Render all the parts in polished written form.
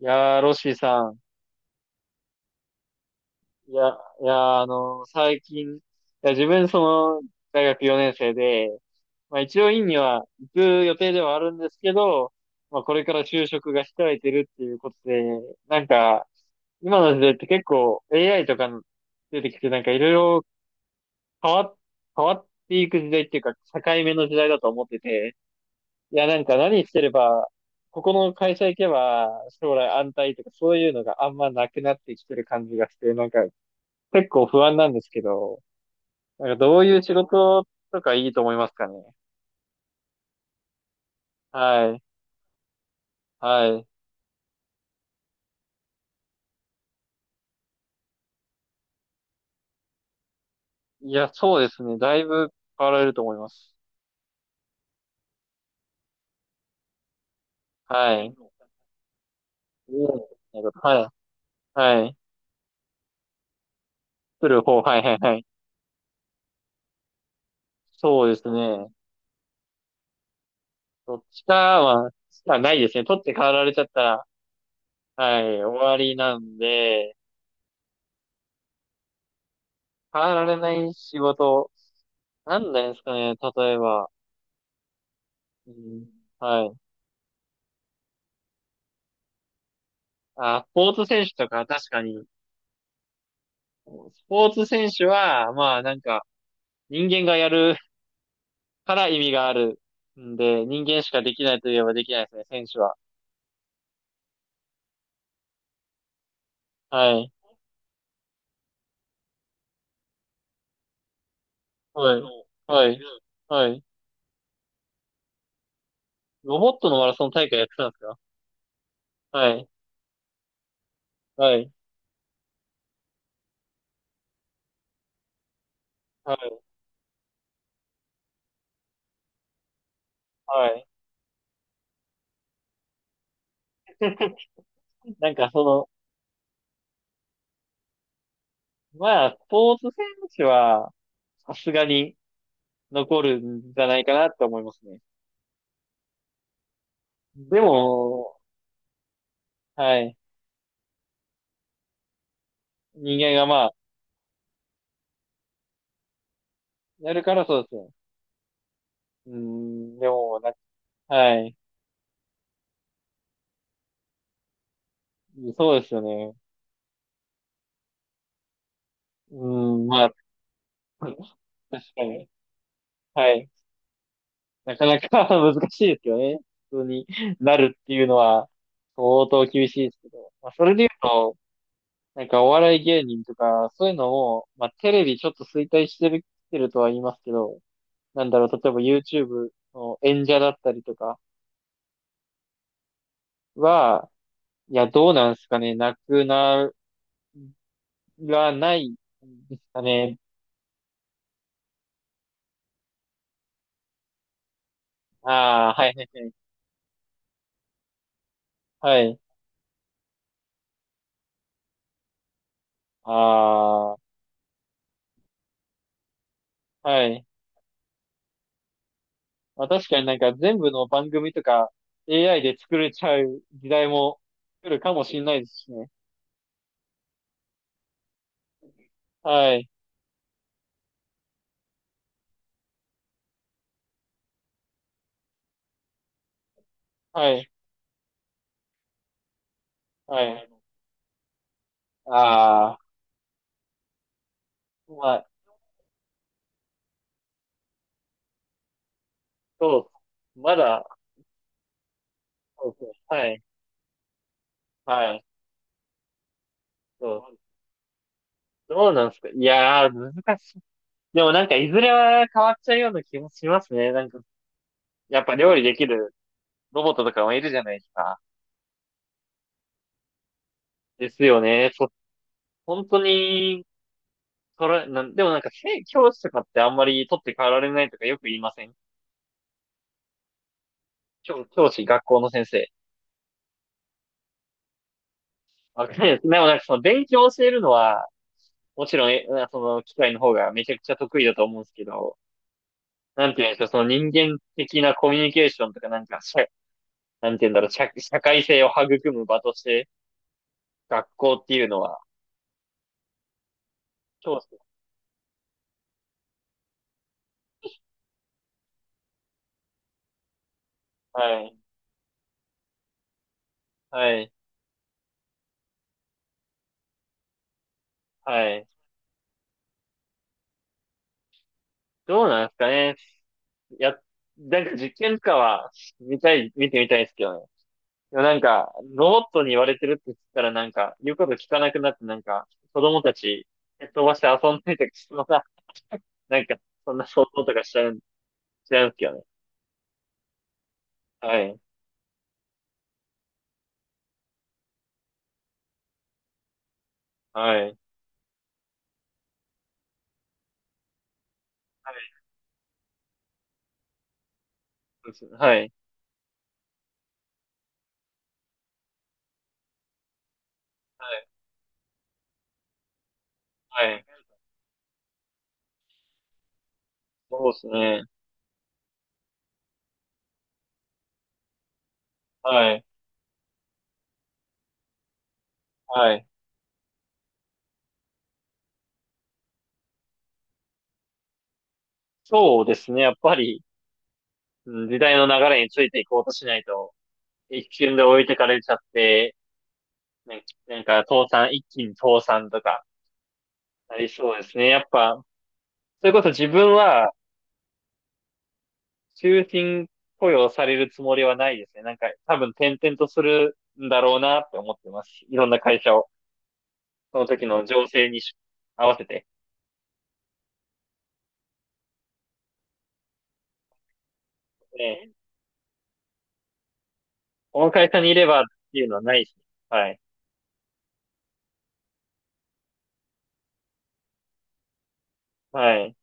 いやー、ロッシーさん。いや、いやー、最近、いや、自分、その、大学4年生で、まあ一応院には行く予定ではあるんですけど、まあこれから就職が控えてるっていうことで、なんか、今の時代って結構 AI とか出てきて、なんかいろいろ変わっ、変わっていく時代っていうか、境目の時代だと思ってて、いや、なんか何してれば、ここの会社行けば将来安泰とかそういうのがあんまなくなってきてる感じがして、なんか結構不安なんですけど、なんかどういう仕事とかいいと思いますかね。はい。はい。いや、そうですね。だいぶ変わられると思います。はい。おー。はい。はい。取る方、はいはいはい。そうですね。どっちかは、まあ、ないですね。取って変わられちゃったら、はい、終わりなんで、変わられない仕事、なんなんですかね、例えば。うん、はい。あ、スポーツ選手とか、確かに。スポーツ選手は、まあなんか、人間がやるから意味があるんで、人間しかできないといえばできないですね、選手は。はい。はい。はい。はい。ロボットのマラソン大会やってたんですか？はい。はい。はい。はい。なんかその、まあ、スポーツ選手は、さすがに残るんじゃないかなって思いますね。でも、はい。人間がまあ、やるから、そうですね。うーん、でも、はい。そうですよね。うーん、まあ、確かに。はい。なかなか 難しいですよね。普通になるっていうのは相当厳しいですけど。まあ、それで言うと、なんかお笑い芸人とか、そういうのも、まあテレビちょっと衰退してる、来てるとは言いますけど、なんだろう、例えば YouTube の演者だったりとかは、いや、どうなんですかね。なくならないんですかね。ああ、はいはいはい。はい。ああ、はい。まあ確かになんか全部の番組とか AI で作れちゃう時代も来るかもしれないですしね。はい。はい。はい。ああ、まあ、そうっす。まだ、そうそう。はい。はい。そう。どうなんですか。いやー、難しい。でもなんかいずれは変わっちゃうような気もしますね。なんか、やっぱ料理できるロボットとかもいるじゃないですか。ですよね。本当に、それ、なん、でもなんか、せ教師とかってあんまり取って代わられないとかよく言いません？教教師、学校の先生。わかんないです。でもなんかその勉強を教えるのは、もちろん、その機械の方がめちゃくちゃ得意だと思うんですけど、なんて言うんでしょう、その人間的なコミュニケーションとかなんか、なんて言うんだろう、社会性を育む場として、学校っていうのは、教師、はい、はい、はい。どうなんですかね。や、なんか実験とかは、見たい、見てみたいですけどね。でもなんか、ロボットに言われてるって言ったらなんか、言うこと聞かなくなってなんか、子供たち、蹴っ飛ばして遊んでたりすのなんか、そんな想像とかしちゃうんですけどね。はい。はい。はい。そうですね。はい。はい。はい。そうですね。はい。はい。そうですね。やっぱり、うん、時代の流れについていこうとしないと、一瞬で置いてかれちゃって、ね、なんか倒産、一気に倒産とか、なりそうですね。やっぱ、それこそ自分は、終身雇用されるつもりはないですね。なんか、多分転々とするんだろうなって思ってますし。いろんな会社を、その時の情勢に合わせて。ね、この会社にいればっていうのはないし。はい。はい。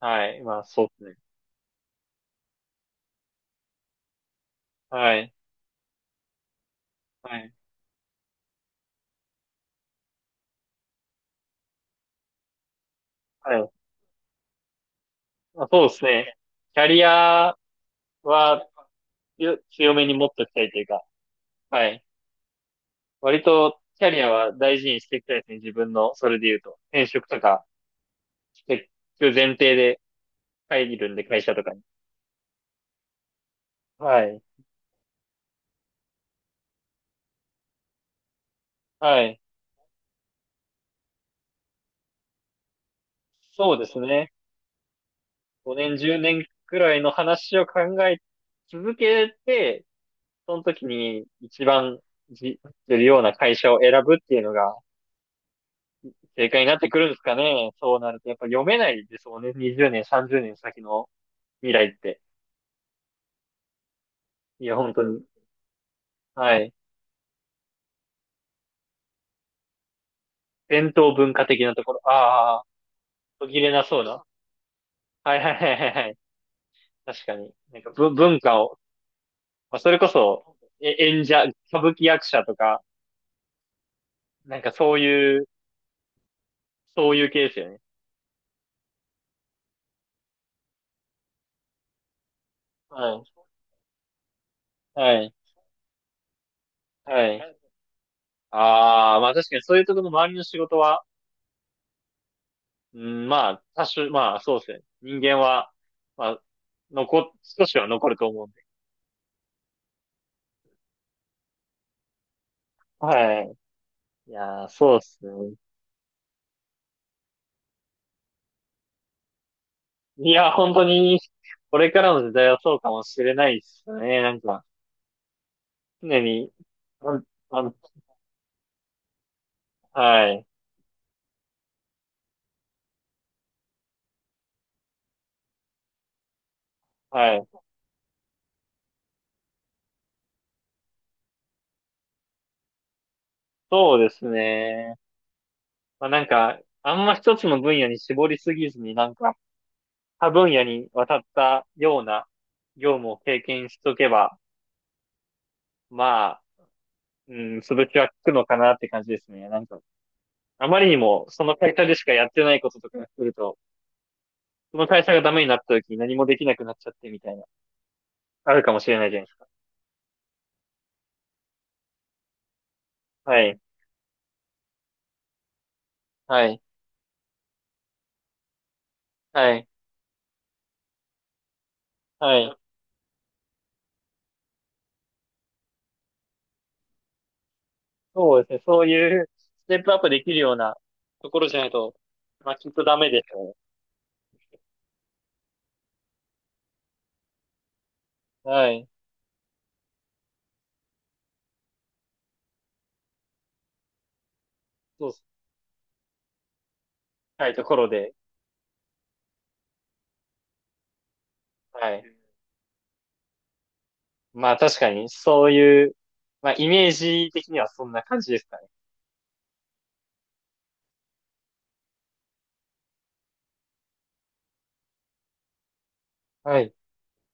はい。まあ、そうですね。はい。はい。はい。まあ、そうですね。キャリアはよ強めに持っときたいというか、はい。割とキャリアは大事にしていきたいですね。自分の、それで言うと。転職とかしていく前提で入るんで、会社とかに。はい。はい。そうですね。5年、10年くらいの話を考え続けて、その時に一番じ、するような会社を選ぶっていうのが正解になってくるんですかね。そうなると、やっぱ読めないですもんね。20年、30年先の未来って。いや、本当に。はい。伝統文化的なところ。ああ、途切れなそうな。はいはいはいはいはい。確かに。なんか文化を、まあ、それこそ、演者、歌舞伎役者とか、なんかそういう系ですよね。はい。はい。はい。ああ、まあ確かにそういうところの周りの仕事は、うん、まあ、多種、まあそうですね。人間は、まあ、少しは残ると思うんで。はい。いやー、そうですね。いや、本当に、これからの時代はそうかもしれないですね。なんか、常に、うんうん。はい。はい。そうですね。まあなんか、あんま一つの分野に絞りすぎずになんか、他分野に渡ったような業務を経験しとけば、まあ、うん、潰しは効くのかなって感じですね。なんか、あまりにもその会社でしかやってないこととかすると、その会社がダメになった時に何もできなくなっちゃってみたいな、あるかもしれないじゃないですか。はい、はい、はい、はい。そうですね。そういうステップアップできるようなところじゃないと、まあ、きっとダメでしょう。はい。そう、はい、ところで、はい。まあ確かに、そういう、まあイメージ的にはそんな感じですかね。はい。